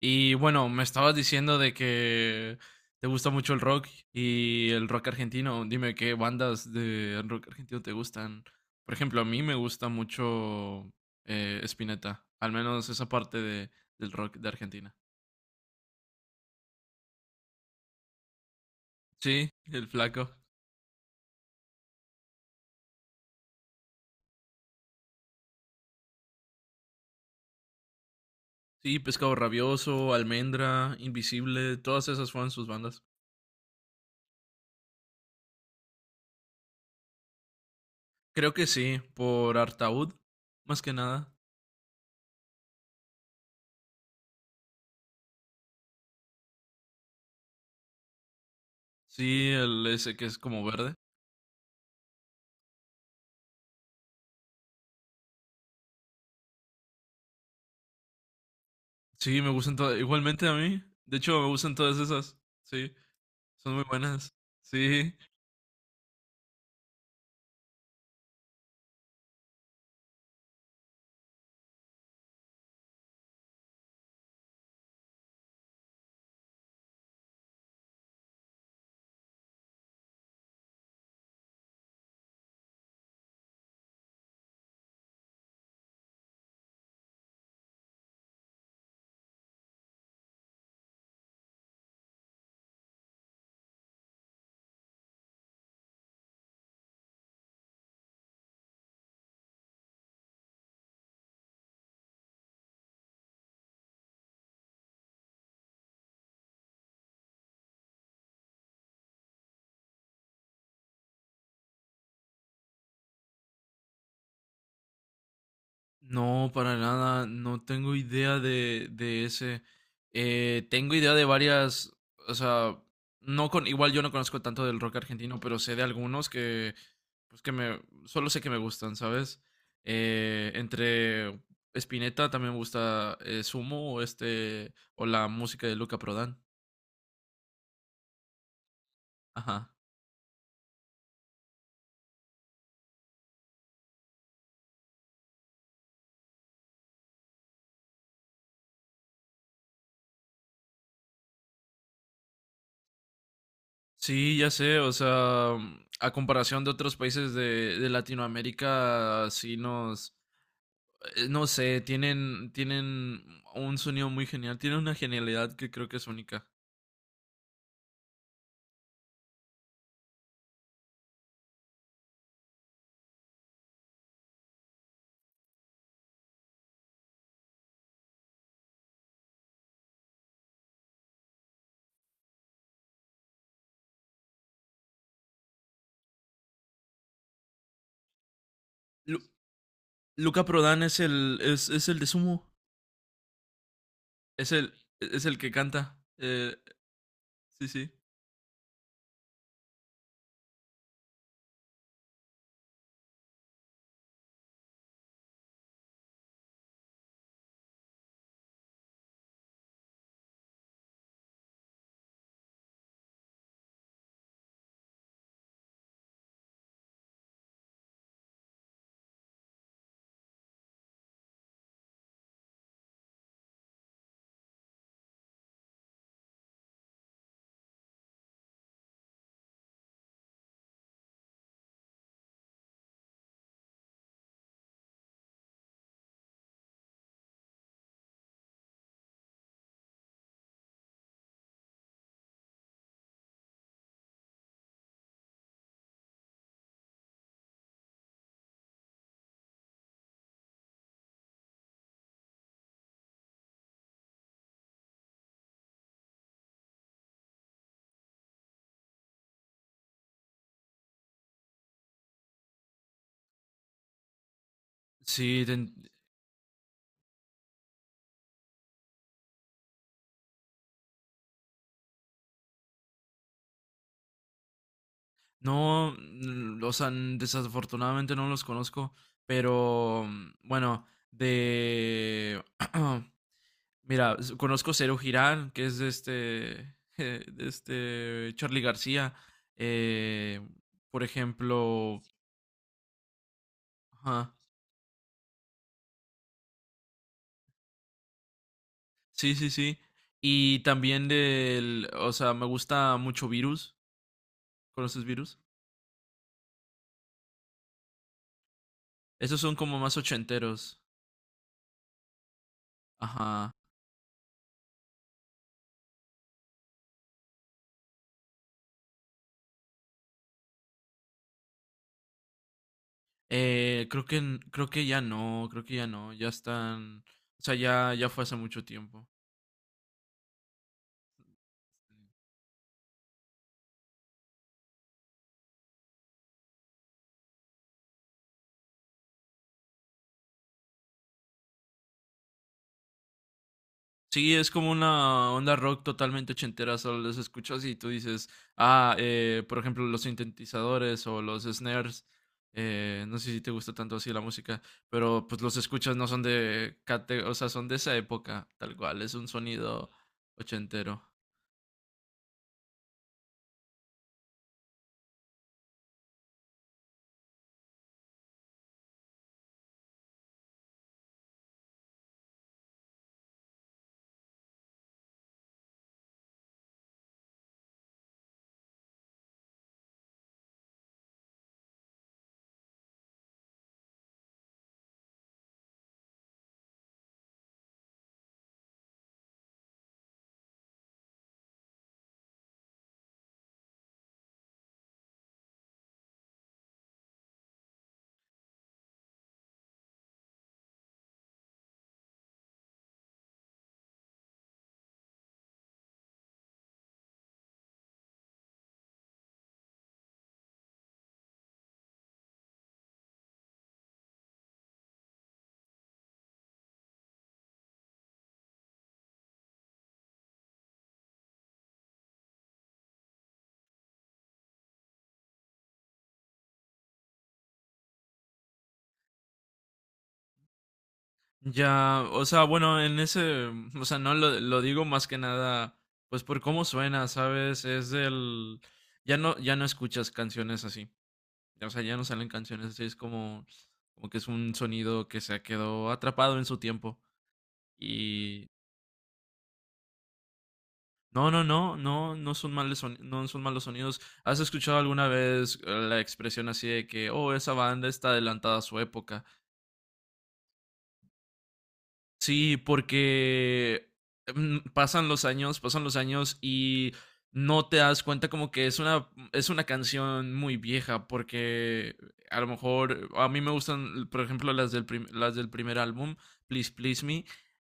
Y bueno, me estabas diciendo de que te gusta mucho el rock y el rock argentino. Dime qué bandas de rock argentino te gustan. Por ejemplo, a mí me gusta mucho Spinetta, al menos esa parte del rock de Argentina. Sí, el flaco. Sí, Pescado Rabioso, Almendra, Invisible, todas esas fueron sus bandas. Creo que sí, por Artaud, más que nada. Sí, el ese que es como verde. Sí, me gustan todas. Igualmente a mí. De hecho, me gustan todas esas. Sí, son muy buenas. Sí. No, para nada. No tengo idea de ese. Tengo idea de varias. O sea, no con. Igual yo no conozco tanto del rock argentino, pero sé de algunos que. Pues que me. Solo sé que me gustan, ¿sabes? Entre Spinetta también me gusta Sumo o este. O la música de Luca Prodan. Ajá. Sí, ya sé, o sea, mm, a comparación de otros países de Latinoamérica, sí nos, no sé, tienen un sonido muy genial, tienen una genialidad que creo que es única. Lu- Luca Prodan es el, es el de Sumo, es el, es el que canta. Sí, sí. Sí, no, mm, o sea, desafortunadamente no los conozco, pero mm, bueno, de... Mira, conozco Cero Girán, que es de este, de este Charly García. Eh, por ejemplo, ajá, sí. Y también del, o sea, me gusta mucho Virus. ¿Conoces Virus? Esos son como más ochenteros. Ajá. Creo que, creo que ya no, creo que ya no, ya están, o sea, ya, ya fue hace mucho tiempo. Sí, es como una onda rock totalmente ochentera, solo los escuchas y tú dices, ah, por ejemplo, los sintetizadores o los snares, no sé si te gusta tanto así la música, pero pues los escuchas no son de, o sea, son de esa época, tal cual, es un sonido ochentero. Ya, o sea, bueno, en ese, o sea, no lo, lo digo más que nada, pues por cómo suena, ¿sabes? Es del, ya no, ya no escuchas canciones así. O sea, ya no salen canciones así, es como, como que es un sonido que se quedó atrapado en su tiempo. Y no, no, no, no, no son malos sonidos, no son malos sonidos. ¿Has escuchado alguna vez la expresión así de que, oh, esa banda está adelantada a su época? Sí, porque mm, pasan los años y no te das cuenta como que es una canción muy vieja, porque a lo mejor a mí me gustan, por ejemplo, las del, las del primer álbum, Please Please Me,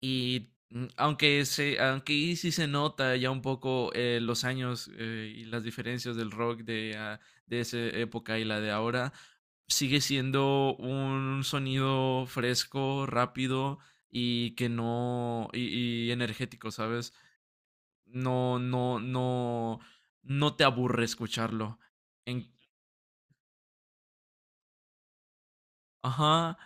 y mm, aunque ahí sí se nota ya un poco los años y las diferencias del rock de, ah, de esa época y la de ahora, sigue siendo un sonido fresco, rápido y que no, y energético, ¿sabes? No, no, no, no te aburre escucharlo. En, ajá,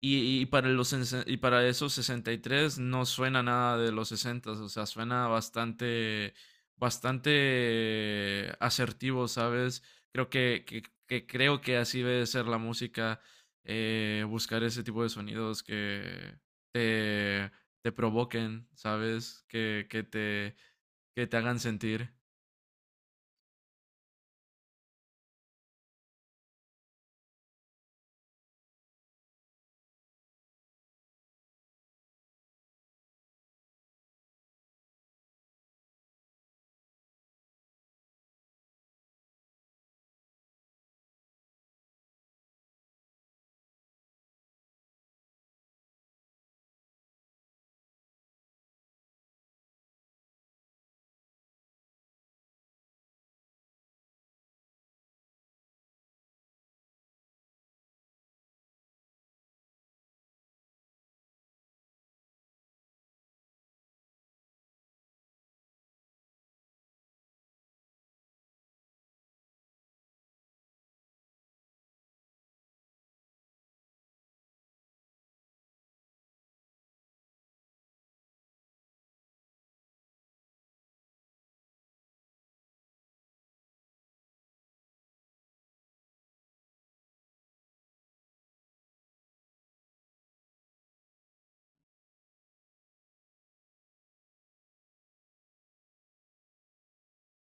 y para los, y para esos 63 no suena nada de los 60, o sea, suena bastante, bastante asertivo, ¿sabes? Creo que, que creo que así debe ser la música, buscar ese tipo de sonidos que te, te provoquen, ¿sabes? Que te hagan sentir.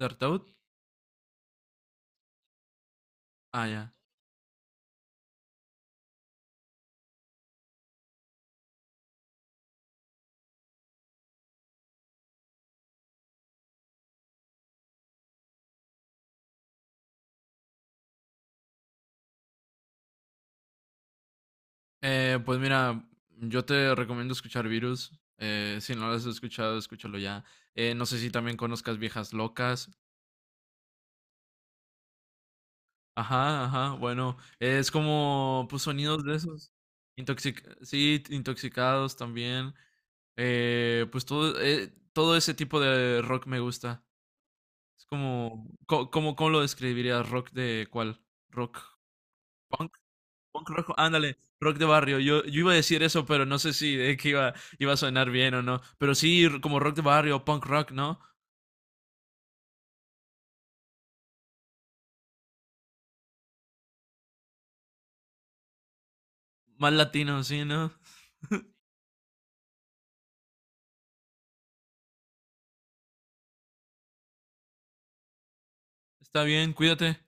¿Dartout? Ah, ya. Pues mira, yo te recomiendo escuchar Virus. Si no lo has escuchado, escúchalo ya. No sé si también conozcas Viejas Locas. Ajá, ajá, bueno. Es como, pues, sonidos de esos. Sí, intoxicados también. Pues todo, todo ese tipo de rock me gusta. Es como, ¿cómo, cómo lo describirías? ¿Rock de cuál? ¿Rock? Punk rock, ándale, rock de barrio. Yo iba a decir eso, pero no sé si es que iba, iba a sonar bien o no. Pero sí, como rock de barrio, punk rock, ¿no? Más latino, sí, ¿no? Está bien, cuídate.